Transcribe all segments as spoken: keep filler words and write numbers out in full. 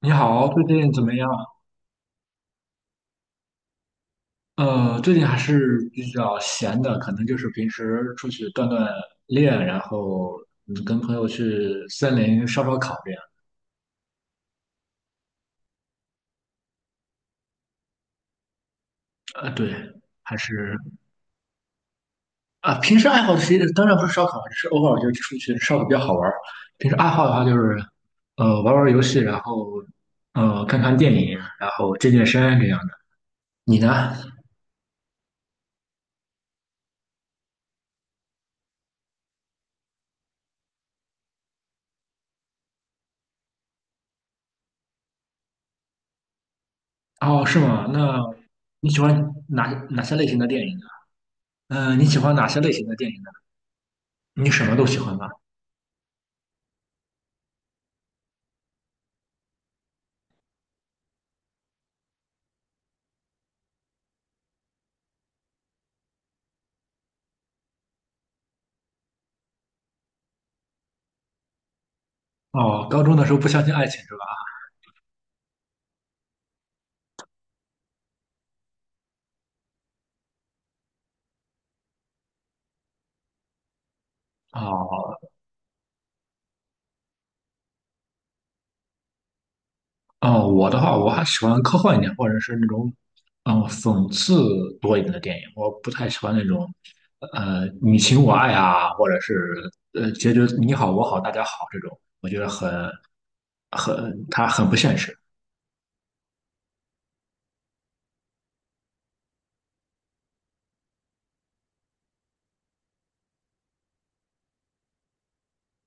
你好，最近怎么样？呃，最近还是比较闲的，可能就是平时出去锻锻炼，然后嗯跟朋友去森林烧烧烤这样。呃，对，还是啊，平时爱好其实当然不是烧烤，只是偶尔就出去烧烤比较好玩儿。平时爱好的话就是，呃，玩玩游戏，然后呃看看电影，然后健健身这样的。你呢？哦，是吗？那你喜欢哪哪些类型的电影呢？嗯，你喜欢哪些类型的电影呢？你什么都喜欢吧？哦，高中的时候不相信爱情是吧？哦哦，我的话我还喜欢科幻一点，或者是那种嗯讽刺多一点的电影。我不太喜欢那种呃你情我爱啊，或者是呃结局你好我好大家好这种，我觉得很很它很不现实。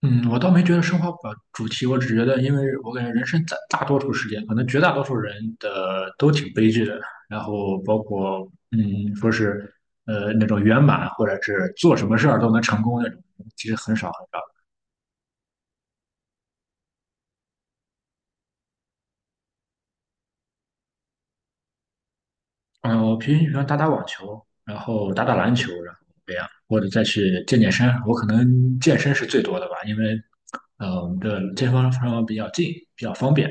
嗯，我倒没觉得升华不了主题，我只觉得，因为我感觉人生大大多数时间，可能绝大多数人的都挺悲剧的，然后包括嗯，说是呃那种圆满，或者是做什么事儿都能成功那种，其实很少很少。嗯，我平时喜欢打打网球，然后打打篮球，然后这样，或者再去健健身。我可能健身是最多的吧，因为呃我们的健身房比较近，比较方便。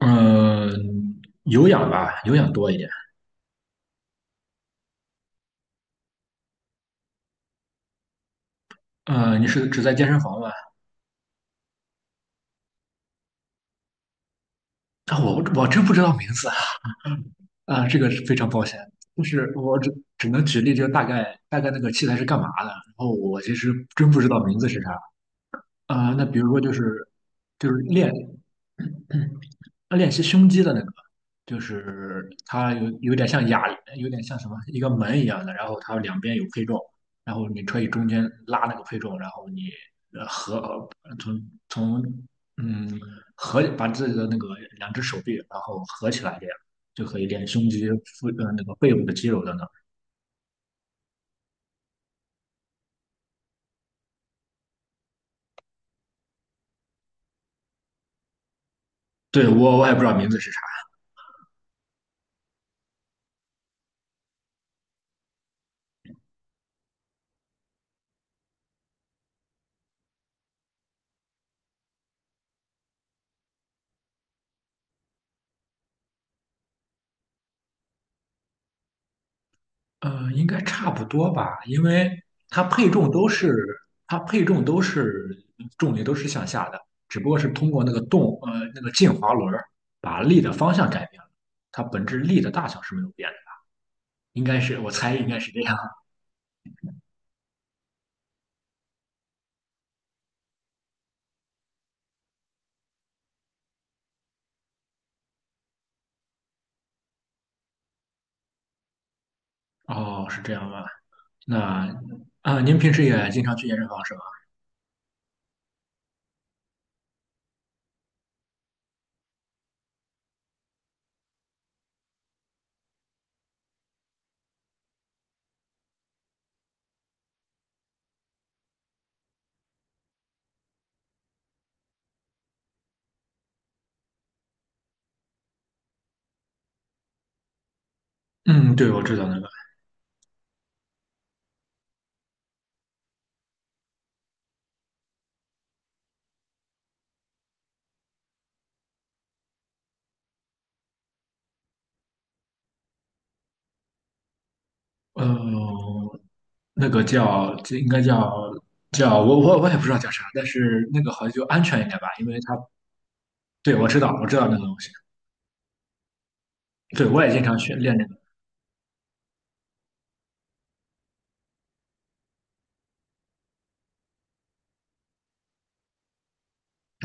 嗯，有氧吧，有氧多一点。呃，你是只在健身房吗？啊，我我真不知道名字啊，啊，这个是非常抱歉。就是我只只能举例，就大概大概那个器材是干嘛的，然后我其实真不知道名字是啥。啊，那比如说就是就是练。练习胸肌的那个，就是它有有点像哑铃，有点像什么一个门一样的，然后它两边有配重，然后你可以中间拉那个配重，然后你呃合从从嗯合把自己的那个两只手臂然后合起来，这样就可以练胸肌，腹呃那个背部的肌肉等等。对，我我也不知道名字是啥。呃，应该差不多吧，因为它配重都是它配重都是重力都是向下的，只不过是通过那个动呃那个进滑轮儿把力的方向改变了，它本质力的大小是没有变的，应该是我猜应该是这样。哦，是这样吧？那啊，您平时也经常去健身房是吧？嗯，对，我知道那个，呃，那个叫这应该叫叫我我我也不知道叫啥，但是那个好像就安全一点吧，因为它对我知道我知道那个东西。对，我也经常去练这个。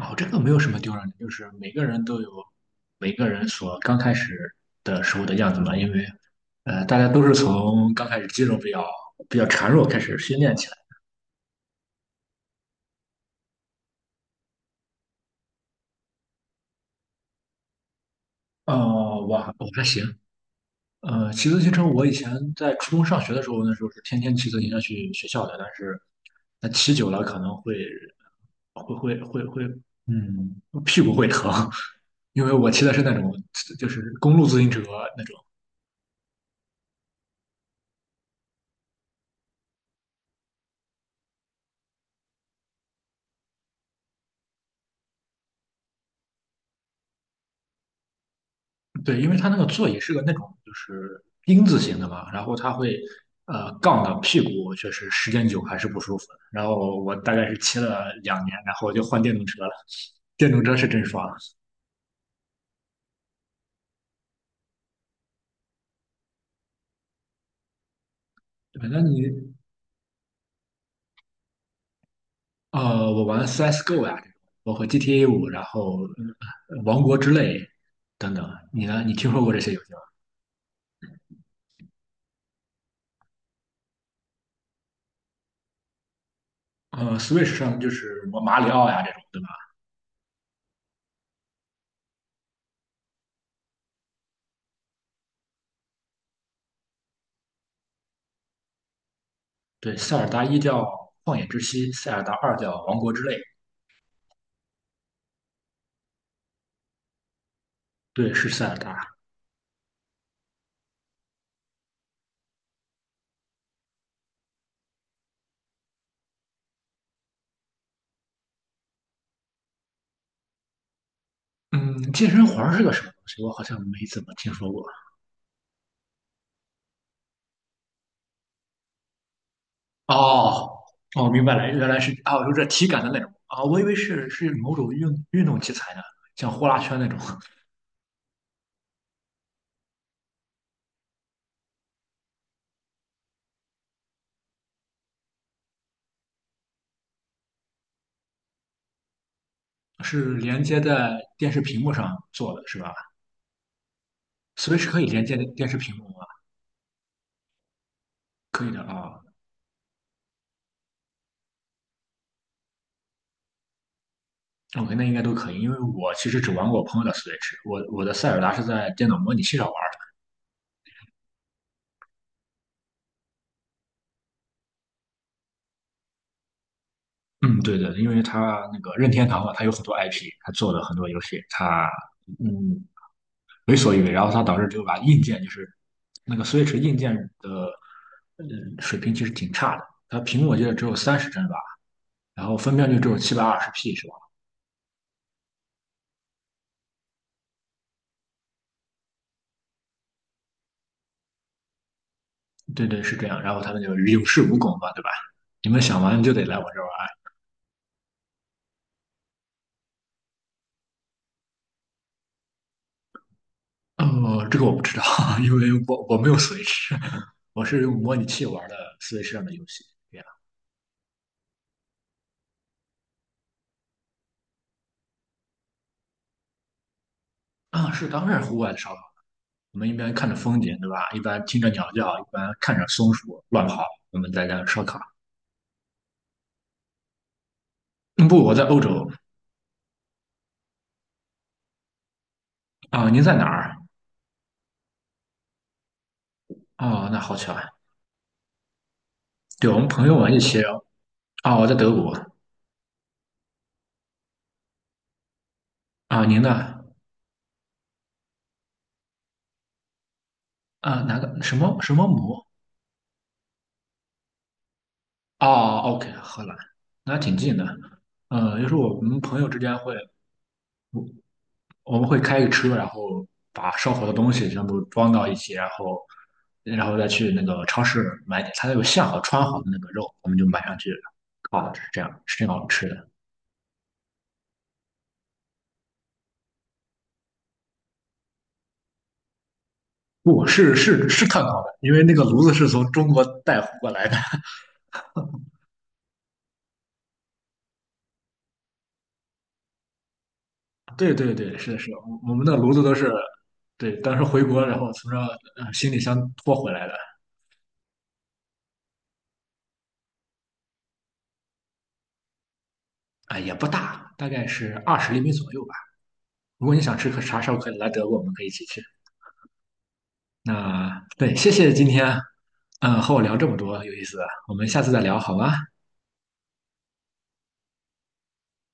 哦，这个没有什么丢人的，就是每个人都有每个人所刚开始的时候的样子嘛。因为，呃，大家都是从刚开始肌肉比较比较孱弱开始训练起来。哦，我还我还行。呃，骑自行车，我以前在初中上学的时候，那时候是天天骑自行车去学校的，但是那骑久了可能会会会会会，嗯，屁股会疼，因为我骑的是那种就是公路自行车那种对，因为它那个座椅是个那种就是丁字形的嘛，然后它会呃杠到屁股，确实时间久还是不舒服。然后我大概是骑了两年，然后我就换电动车了。电动车是真爽。对，那你呃，我玩 C S:GO 呀、这种，包括 G T A 五，然后呃王国之泪等等，你呢？你听说过这些游戏吗？呃，Switch 上就是什么马里奥呀这种，对吧？对，塞尔达一叫旷野之息，塞尔达二叫王国之泪，对，是塞尔达。嗯，健身环儿是个什么东西？我好像没怎么听说过。哦，哦，明白了，原来是啊，有点体感的那种啊，我以为是是某种运运动器材呢，像呼啦圈那种，是连接在电视屏幕上做的，是吧？Switch 可以连接电视屏幕吗？可以的啊，OK，那应该都可以，因为我其实只玩过我朋友的 Switch，我我的塞尔达是在电脑模拟器上玩儿。嗯，对的，因为它那个任天堂嘛，它有很多 I P，它做了很多游戏，它。嗯，为所欲为，然后它导致就把硬件就是那个 Switch 硬件的嗯，水平其实挺差的，它屏幕我记得只有三十帧吧，然后分辨率只有七百二十 P 是吧？对对是这样，然后他们就有恃无恐嘛，对吧？你们想玩就得来我这玩，呃，这个我不知道，因为我我没有 Switch，我是用模拟器玩的 Switch 上的游戏，这样啊是当然户外的烧烤，我们一边看着风景对吧？一边听着鸟叫，一边看着松鼠乱跑，我们在那烧烤。嗯，不，我在欧洲，啊，您在哪儿？哦，那好巧啊！对，我们朋友们一起。哦，我在德国。啊，您呢？啊，哪个什么什么姆？哦，OK，荷兰，那挺近的。呃，就是我们朋友之间会，我们会开个车，然后把烧火的东西全部装到一起，然后，然后再去那个超市买点，它有现好穿好的那个肉，我们就买上去烤了，是这样，是这样吃的。不，是是是碳烤的，因为那个炉子是从中国带回过来的。对对对，是的，是的，我我们的炉子都是，对，当时回国，然后从这呃行李箱拖回来的，啊，也不大，大概是二十厘米左右吧。如果你想吃可啥时候可以来德国，我们可以一起去。那对，谢谢今天，嗯、和我聊这么多有意思的我们下次再聊好吗？